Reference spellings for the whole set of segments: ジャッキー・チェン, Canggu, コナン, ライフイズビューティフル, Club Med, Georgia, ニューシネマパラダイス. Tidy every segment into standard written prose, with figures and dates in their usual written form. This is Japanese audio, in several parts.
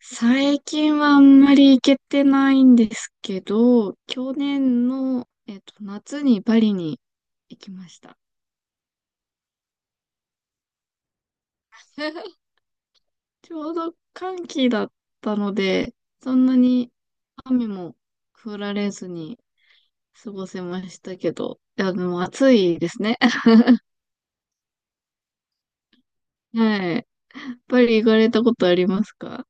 最近はあんまり行けてないんですけど、去年の、夏にパリに行きました。ちょうど寒気だったので、そんなに雨も降られずに過ごせましたけど、いや、でも暑いですね。はい。パリ行かれたことありますか？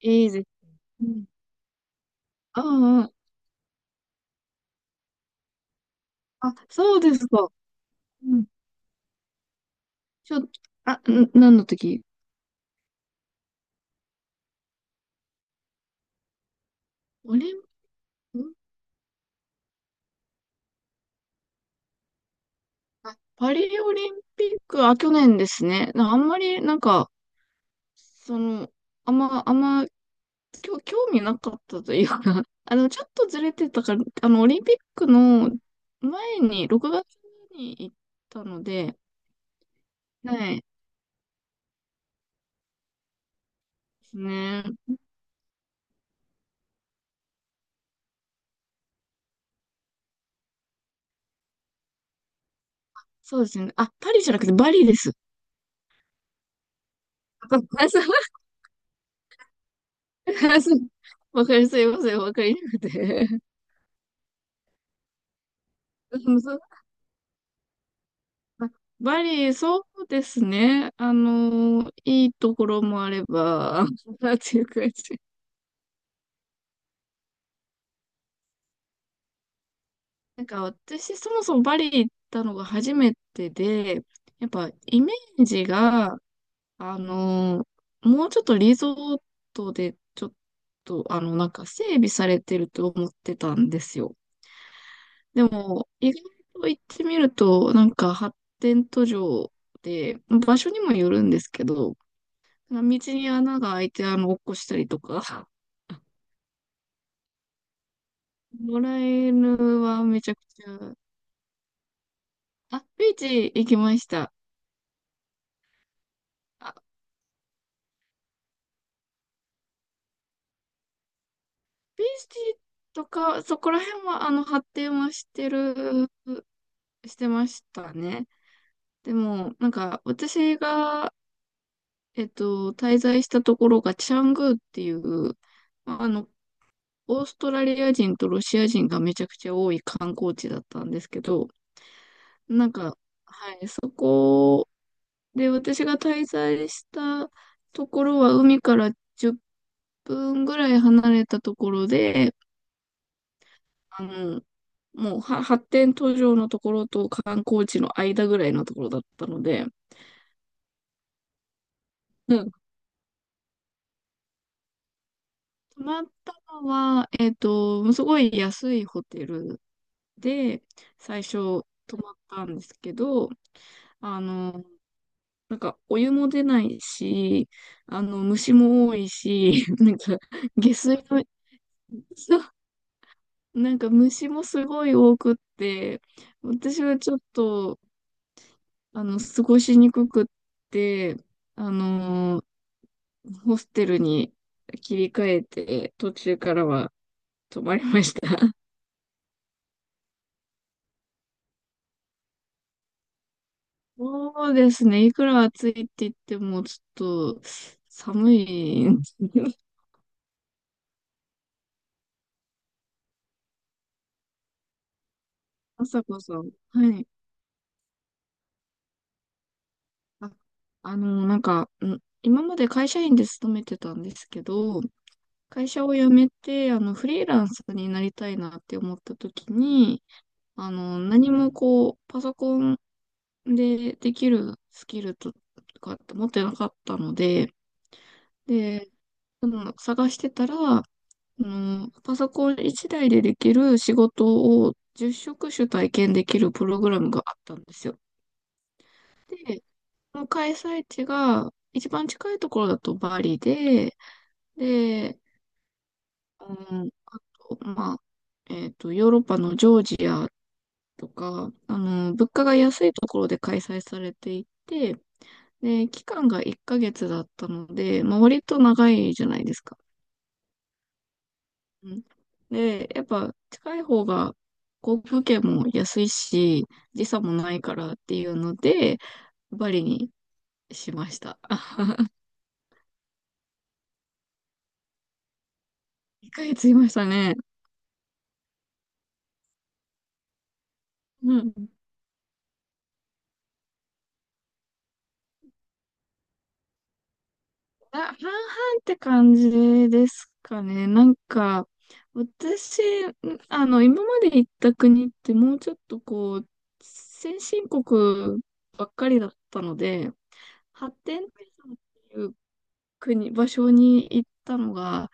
いいです。うん。ああ、あ、そうですか。うん。ちょ、あ、ん、何の時？オリン、んパリオリンピック、あ、去年ですね。なんか、その、あんま、あんま、興味なかったというか、あの、ちょっとずれてたから、あの、オリンピックの前に、6月に行ったので、はい、ですね。そうですね。あ、パリじゃなくてバリです。あそうわかります。すいません、わかりなくて。あバリ、そうですね。あの、いいところもあれば、なんていう感じ。なんか私、そもそもバリ行ったのが初めてで、やっぱイメージが、あの、もうちょっとリゾートで、ちょっと、あの、なんか整備されてると思ってたんですよ。でも、意外と行ってみると、なんか発展途上で、場所にもよるんですけど、道に穴が開いて、あの、落っこしたりとか。野良犬はめちゃくちゃ、あ、ビーチ行きました。あ、ビーチとか、そこら辺は、あの、発展はしてる、してましたね。でも、なんか、私が、滞在したところが、チャングーっていう、まああの、オーストラリア人とロシア人がめちゃくちゃ多い観光地だったんですけど、なんか、はい、そこで、私が滞在したところは海から10分ぐらい離れたところで、あの、もうは発展途上のところと観光地の間ぐらいのところだったので、うん。泊まったのは、すごい安いホテルで、最初泊まったんですけど、あの、なんかお湯も出ないし、あの、虫も多いし、なんか下水の、なんか虫もすごい多くって、私はちょっと、あの、過ごしにくくって、あのーホステルに切り替えて、途中からは泊まりました。そうですね。いくら暑いって言っても、ちょっと寒いんですね。あさこさん。はい。あ、なんか、ん今まで会社員で勤めてたんですけど、会社を辞めて、あの、フリーランスになりたいなって思った時に、あの、何もこう、パソコンでできるスキルとかって持ってなかったので、で、その探してたら、あの、パソコン一台でできる仕事を10職種体験できるプログラムがあったんですよ。で、その開催地が一番近いところだとバリで、で、うん、あと、まあ、ヨーロッパのジョージアとか、あの、物価が安いところで開催されていて、で、期間が1ヶ月だったので、まあ、割と長いじゃないですか。うん、で、やっぱ近い方が航空券も安いし、時差もないからっていうので、バリにしました。1ヶ月いましたね。うんあ、半々って感じですかね。なんか、私、んあの、今まで行った国ってもうちょっとこう、先進国ばっかりだったので、発展途上っていう国、場所に行ったのが、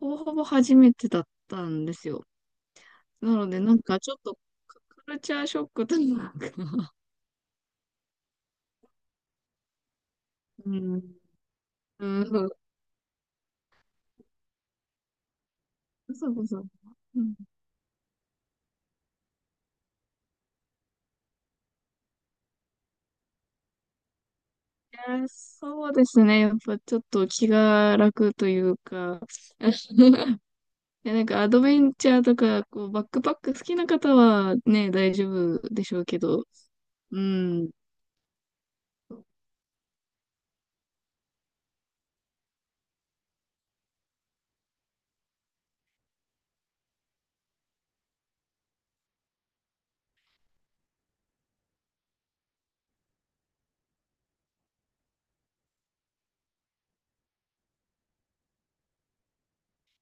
ほぼほぼ初めてだったんですよ。なので、なんかちょっとカカルチャーショックというか、うん、うん、そうそう。やー、そうですね。やっぱちょっと気が楽というか、いや、なんかアドベンチャーとか、こう、バックパック好きな方はね、大丈夫でしょうけど、うん。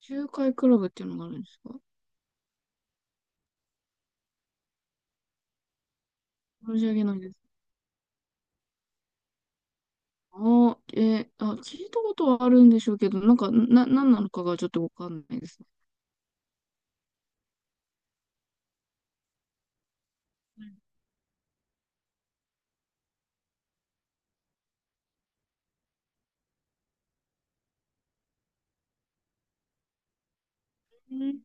仲介クラブっていうのがあるんですか？申し訳ないです。あ、聞いたことはあるんでしょうけど、なんか、何なのかがちょっとわかんないですね。うん、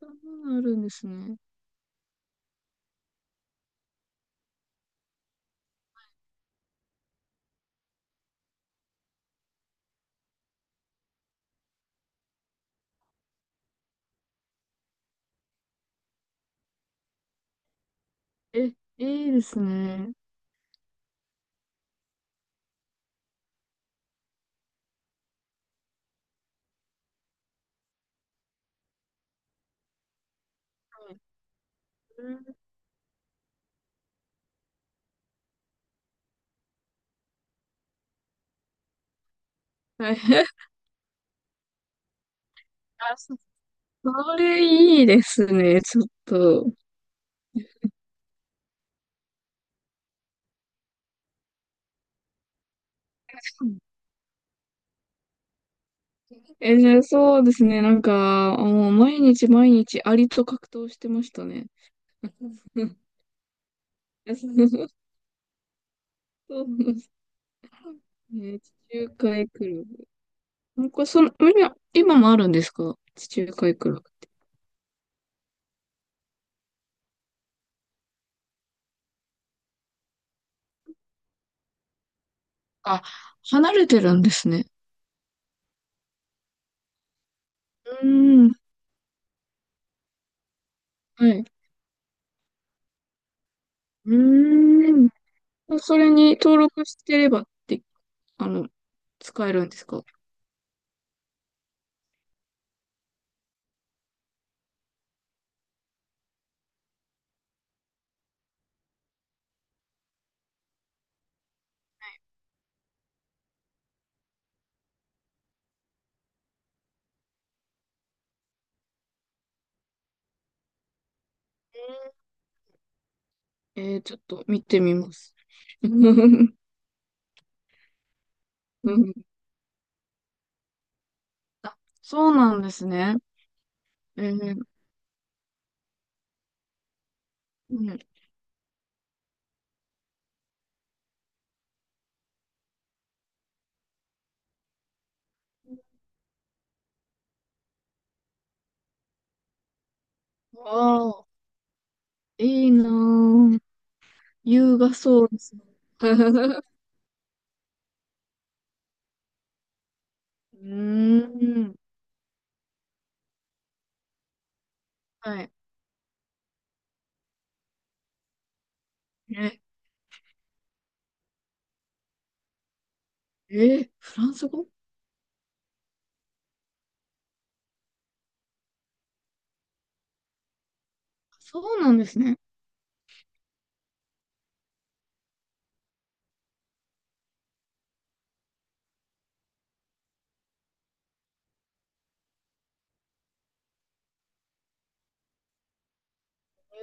そんなのあるんですね。え、いいですね。はい。うんはい あ、それいいですね。ちょっと。えーそうですね。なんか、もう毎日毎日アリと格闘してましたね。そうですね。地中海クラブ。こかその、今今もあるんですか？地中海クラブって。あ、離れてるんですね。うーん。はい。うーん。それに登録してればって、あの、使えるんですか？えー、ちょっと見てみます。うん。あ、そうなんですね。えーうんわあ、いいなぁ。優雅そうですね。うーん。はい。え、え、フランス語？そうなんですね。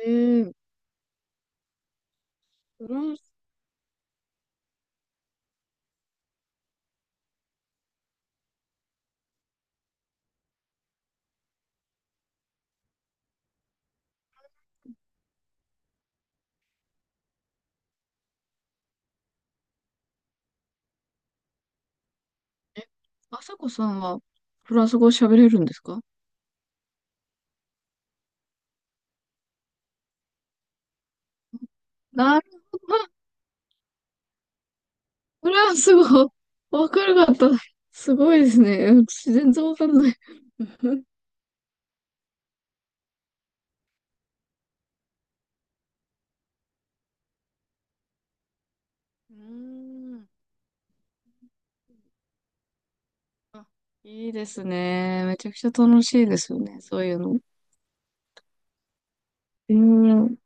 えー、フランス、え、あさこさんはフランス語喋れるんですか？なるほど。フランス語、わかるかった。すごいですね。私全然わかんない。うーん。あ、いいですね。めちゃくちゃ楽しいですよね。そういうの。うん。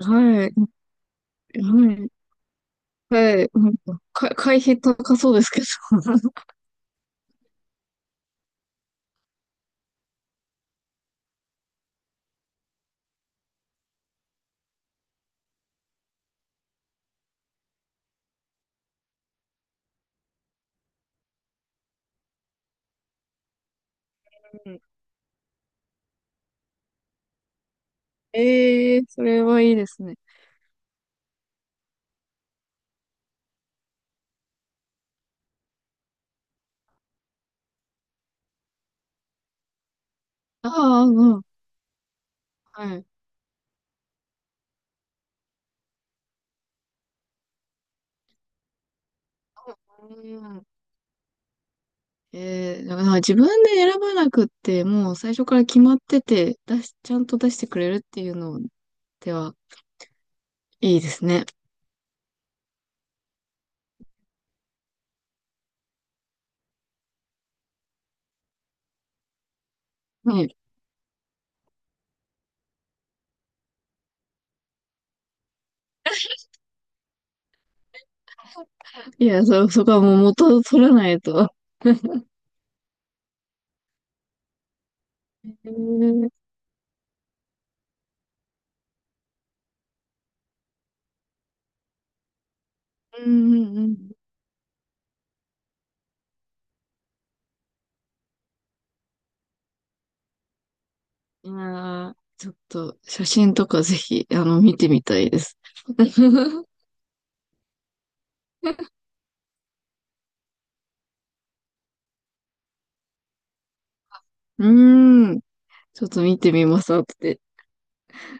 はい。はい。はい、なんか、会費高そうですけど。うん。ええそれはいいですね。ああ、うん。はい。うん。ええだから自分で選ばなくって、もう最初から決まってて、出し、ちゃんと出してくれるっていうのでは、いいですね。はい。いや、そこはもう元を取らないと。ええうんうんうん。いやー、ちょっと写真とかぜひ、あの、見てみたいです。うーん。ちょっと見てみます、後で。